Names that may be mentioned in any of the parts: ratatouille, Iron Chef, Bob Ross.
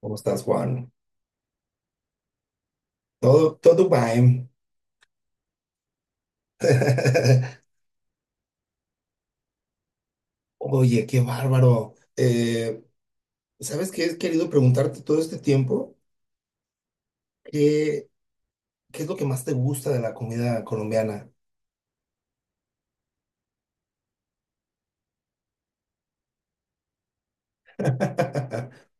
¿Cómo estás, Juan? Todo bien. Oye, qué bárbaro. ¿Sabes qué? He querido preguntarte todo este tiempo, ¿qué, qué es lo que más te gusta de la comida colombiana?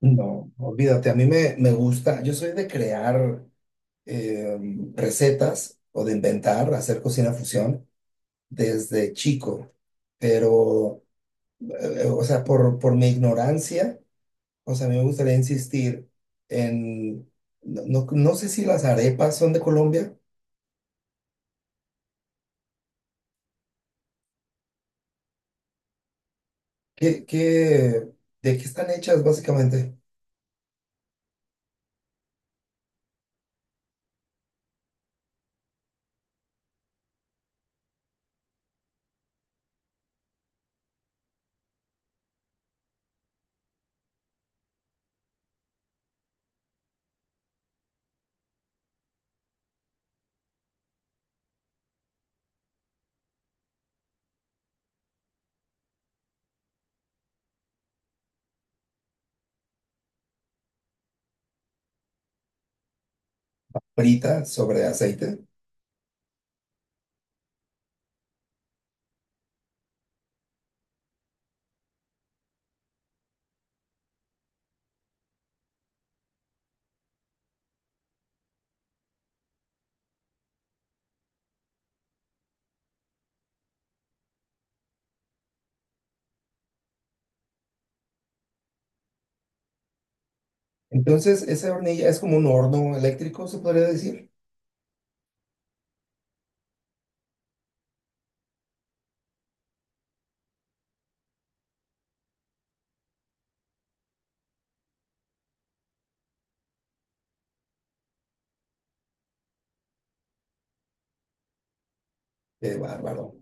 No, olvídate, a mí me gusta, yo soy de crear eh, recetas o de inventar, hacer cocina fusión desde chico, pero, o sea, por mi ignorancia. O sea, a mí me gustaría insistir en, no, no sé si las arepas son de Colombia. ¿Qué, qué- ¿De qué están hechas básicamente? Frita sobre aceite. Entonces, esa hornilla es como un horno eléctrico, se podría decir. Qué bárbaro.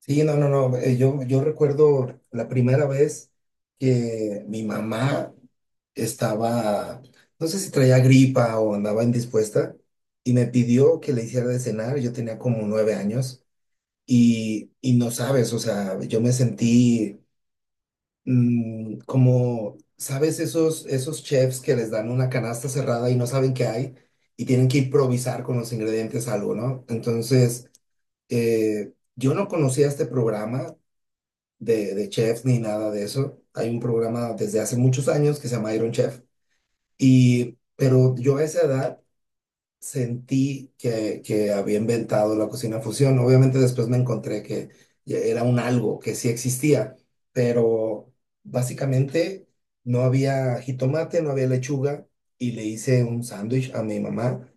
Sí, no, no, no. Yo recuerdo la primera vez que mi mamá estaba, no sé si traía gripa o andaba indispuesta, y me pidió que le hiciera de cenar. Yo tenía como nueve años. Y no sabes, o sea, yo me sentí como, ¿sabes? Esos chefs que les dan una canasta cerrada y no saben qué hay y tienen que improvisar con los ingredientes algo, ¿no? Entonces, yo no conocía este programa de chefs ni nada de eso. Hay un programa desde hace muchos años que se llama Iron Chef. Y, pero yo a esa edad sentí que había inventado la cocina fusión. Obviamente después me encontré que ya era un algo que sí existía, pero básicamente no había jitomate, no había lechuga y le hice un sándwich a mi mamá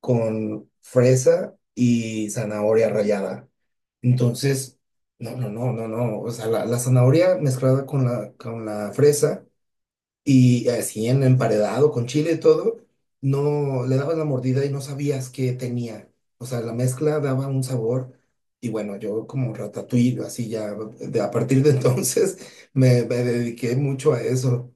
con fresa y zanahoria rallada. Entonces, no, no, no, no, no, o sea, la zanahoria mezclada con la fresa. Y así en emparedado con chile y todo, no le dabas la mordida y no sabías qué tenía. O sea, la mezcla daba un sabor. Y bueno, yo como ratatouille, así ya, a partir de entonces me dediqué mucho a eso.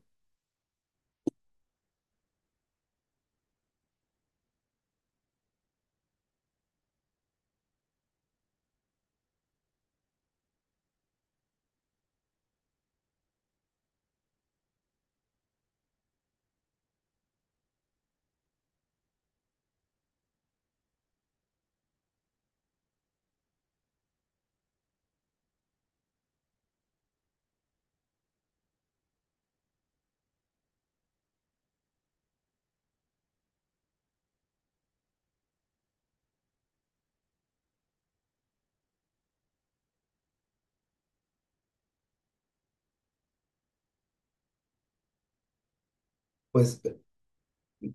Pues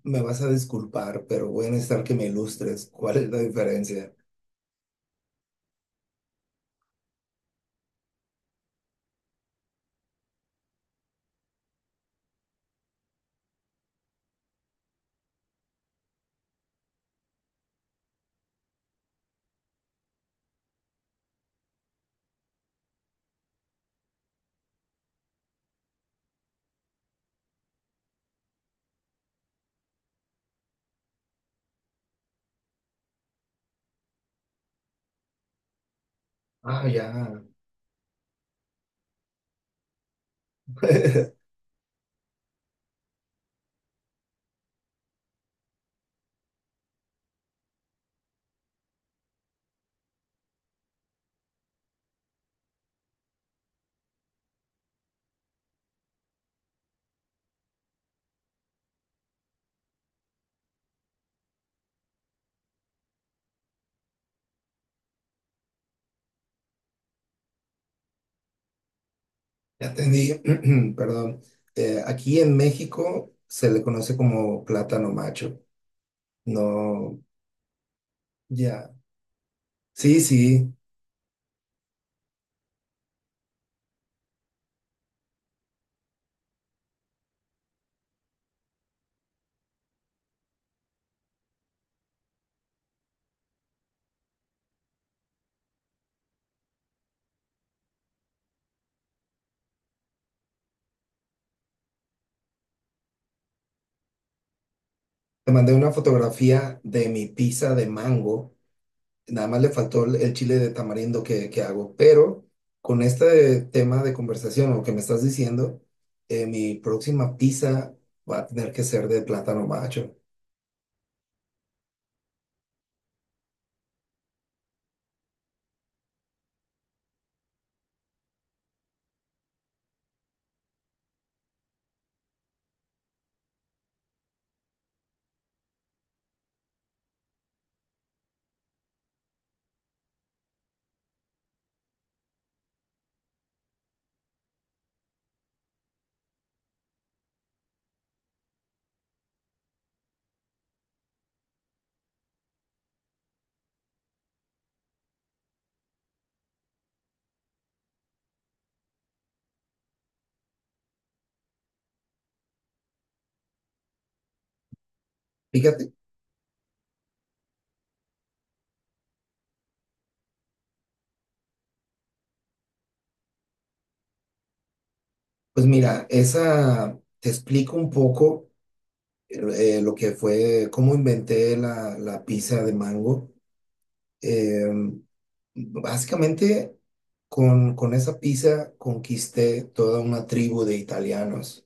me vas a disculpar, pero voy a necesitar que me ilustres cuál es la diferencia. Ah, ya. Ya entendí. Perdón. Aquí en México se le conoce como plátano macho. No, ya. Sí, sí. Te mandé una fotografía de mi pizza de mango. Nada más le faltó el chile de tamarindo que hago. Pero con este tema de conversación o que me estás diciendo, mi próxima pizza va a tener que ser de plátano macho. Fíjate, pues mira, esa te explico un poco lo que fue, cómo inventé la, la pizza de mango. Eh, Básicamente, con esa pizza conquisté toda una tribu de italianos.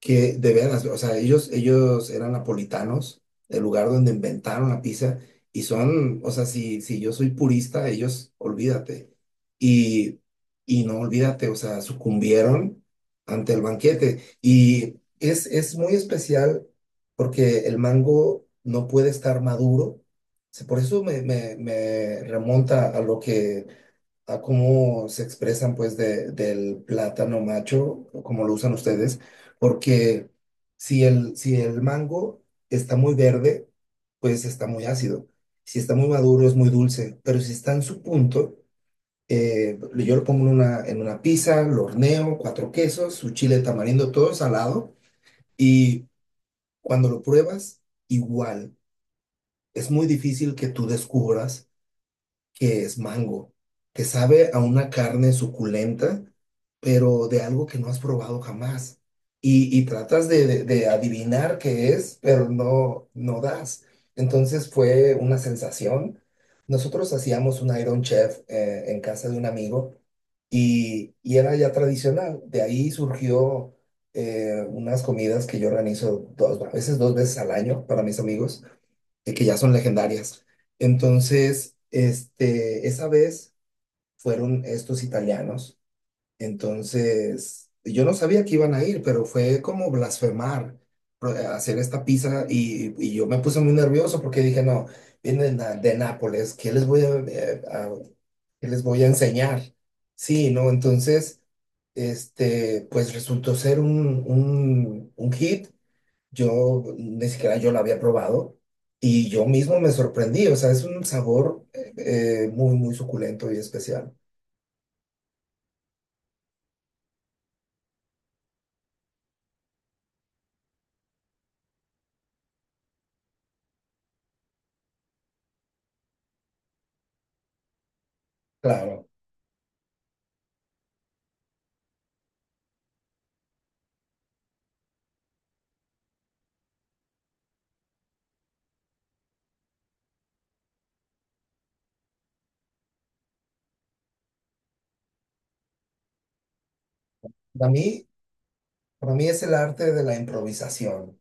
Que de veras, o sea, ellos eran napolitanos, el lugar donde inventaron la pizza, y son, o sea, si, si yo soy purista, ellos, olvídate. Y, y no olvídate, o sea, sucumbieron ante el banquete. Y es muy especial porque el mango no puede estar maduro. Por eso me remonta a lo que a cómo se expresan pues del plátano macho, como lo usan ustedes, porque si el, si el mango está muy verde, pues está muy ácido. Si está muy maduro, es muy dulce, pero si está en su punto, yo lo pongo en una pizza, lo horneo, cuatro quesos, su chile tamarindo, todo salado, y cuando lo pruebas, igual. Es muy difícil que tú descubras que es mango. Te sabe a una carne suculenta pero de algo que no has probado jamás. Y tratas de, de adivinar qué es, pero no, no das. Entonces fue una sensación. Nosotros hacíamos un Iron Chef en casa de un amigo y era ya tradicional. De ahí surgió unas comidas que yo organizo dos, a veces dos veces al año para mis amigos, que ya son legendarias. Entonces, este, esa vez fueron estos italianos entonces, yo no sabía que iban a ir, pero fue como blasfemar hacer esta pizza y yo me puse muy nervioso porque dije, no, vienen de Nápoles, ¿qué les voy a, qué les voy a enseñar? Sí, ¿no? Entonces, este, pues resultó ser un hit. Yo ni siquiera yo lo había probado y yo mismo me sorprendí. O sea, es un sabor muy, muy suculento y especial. Claro. A mí para mí es el arte de la improvisación.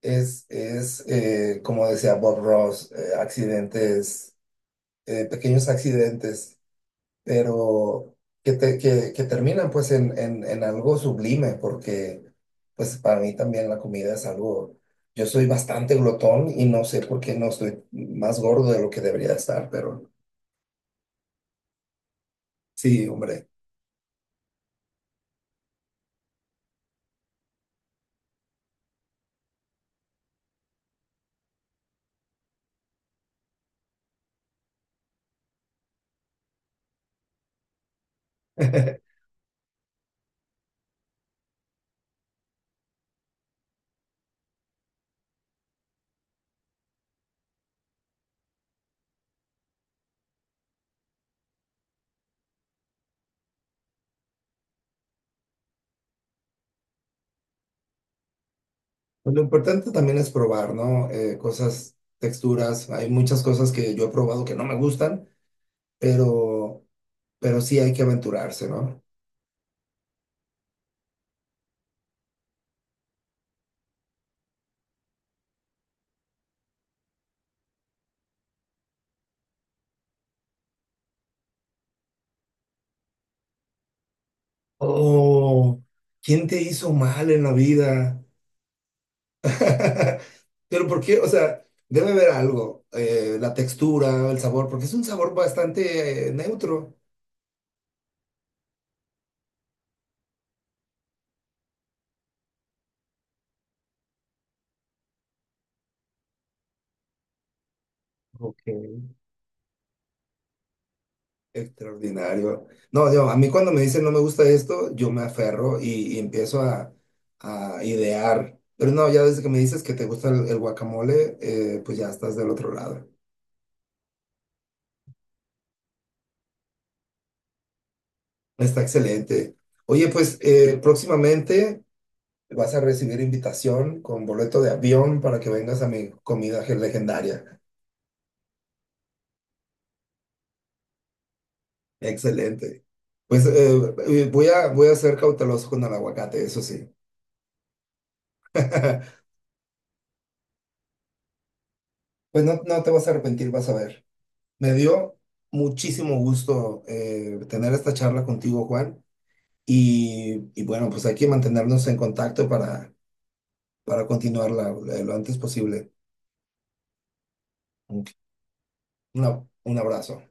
Es como decía Bob Ross, accidentes, pequeños accidentes, pero que, que terminan pues en algo sublime, porque pues para mí también la comida es algo, yo soy bastante glotón y no sé por qué no estoy más gordo de lo que debería estar, pero sí, hombre. Lo importante también es probar, ¿no? Cosas, texturas, hay muchas cosas que yo he probado que no me gustan pero, pero sí hay que aventurarse, ¿no? Oh, ¿quién te hizo mal en la vida? Pero ¿por qué? O sea, debe haber algo, la textura, el sabor, porque es un sabor bastante neutro. Ok, extraordinario. No, yo, a mí cuando me dicen no me gusta esto, yo me aferro y empiezo a idear. Pero no, ya desde que me dices que te gusta el guacamole, pues ya estás del otro lado. Está excelente. Oye, pues próximamente vas a recibir invitación con boleto de avión para que vengas a mi comida legendaria. Excelente. Pues voy a, voy a ser cauteloso con el aguacate, eso sí. Pues no, no te vas a arrepentir, vas a ver. Me dio muchísimo gusto tener esta charla contigo, Juan. Y bueno, pues hay que mantenernos en contacto para continuarla lo antes posible. Un, un abrazo.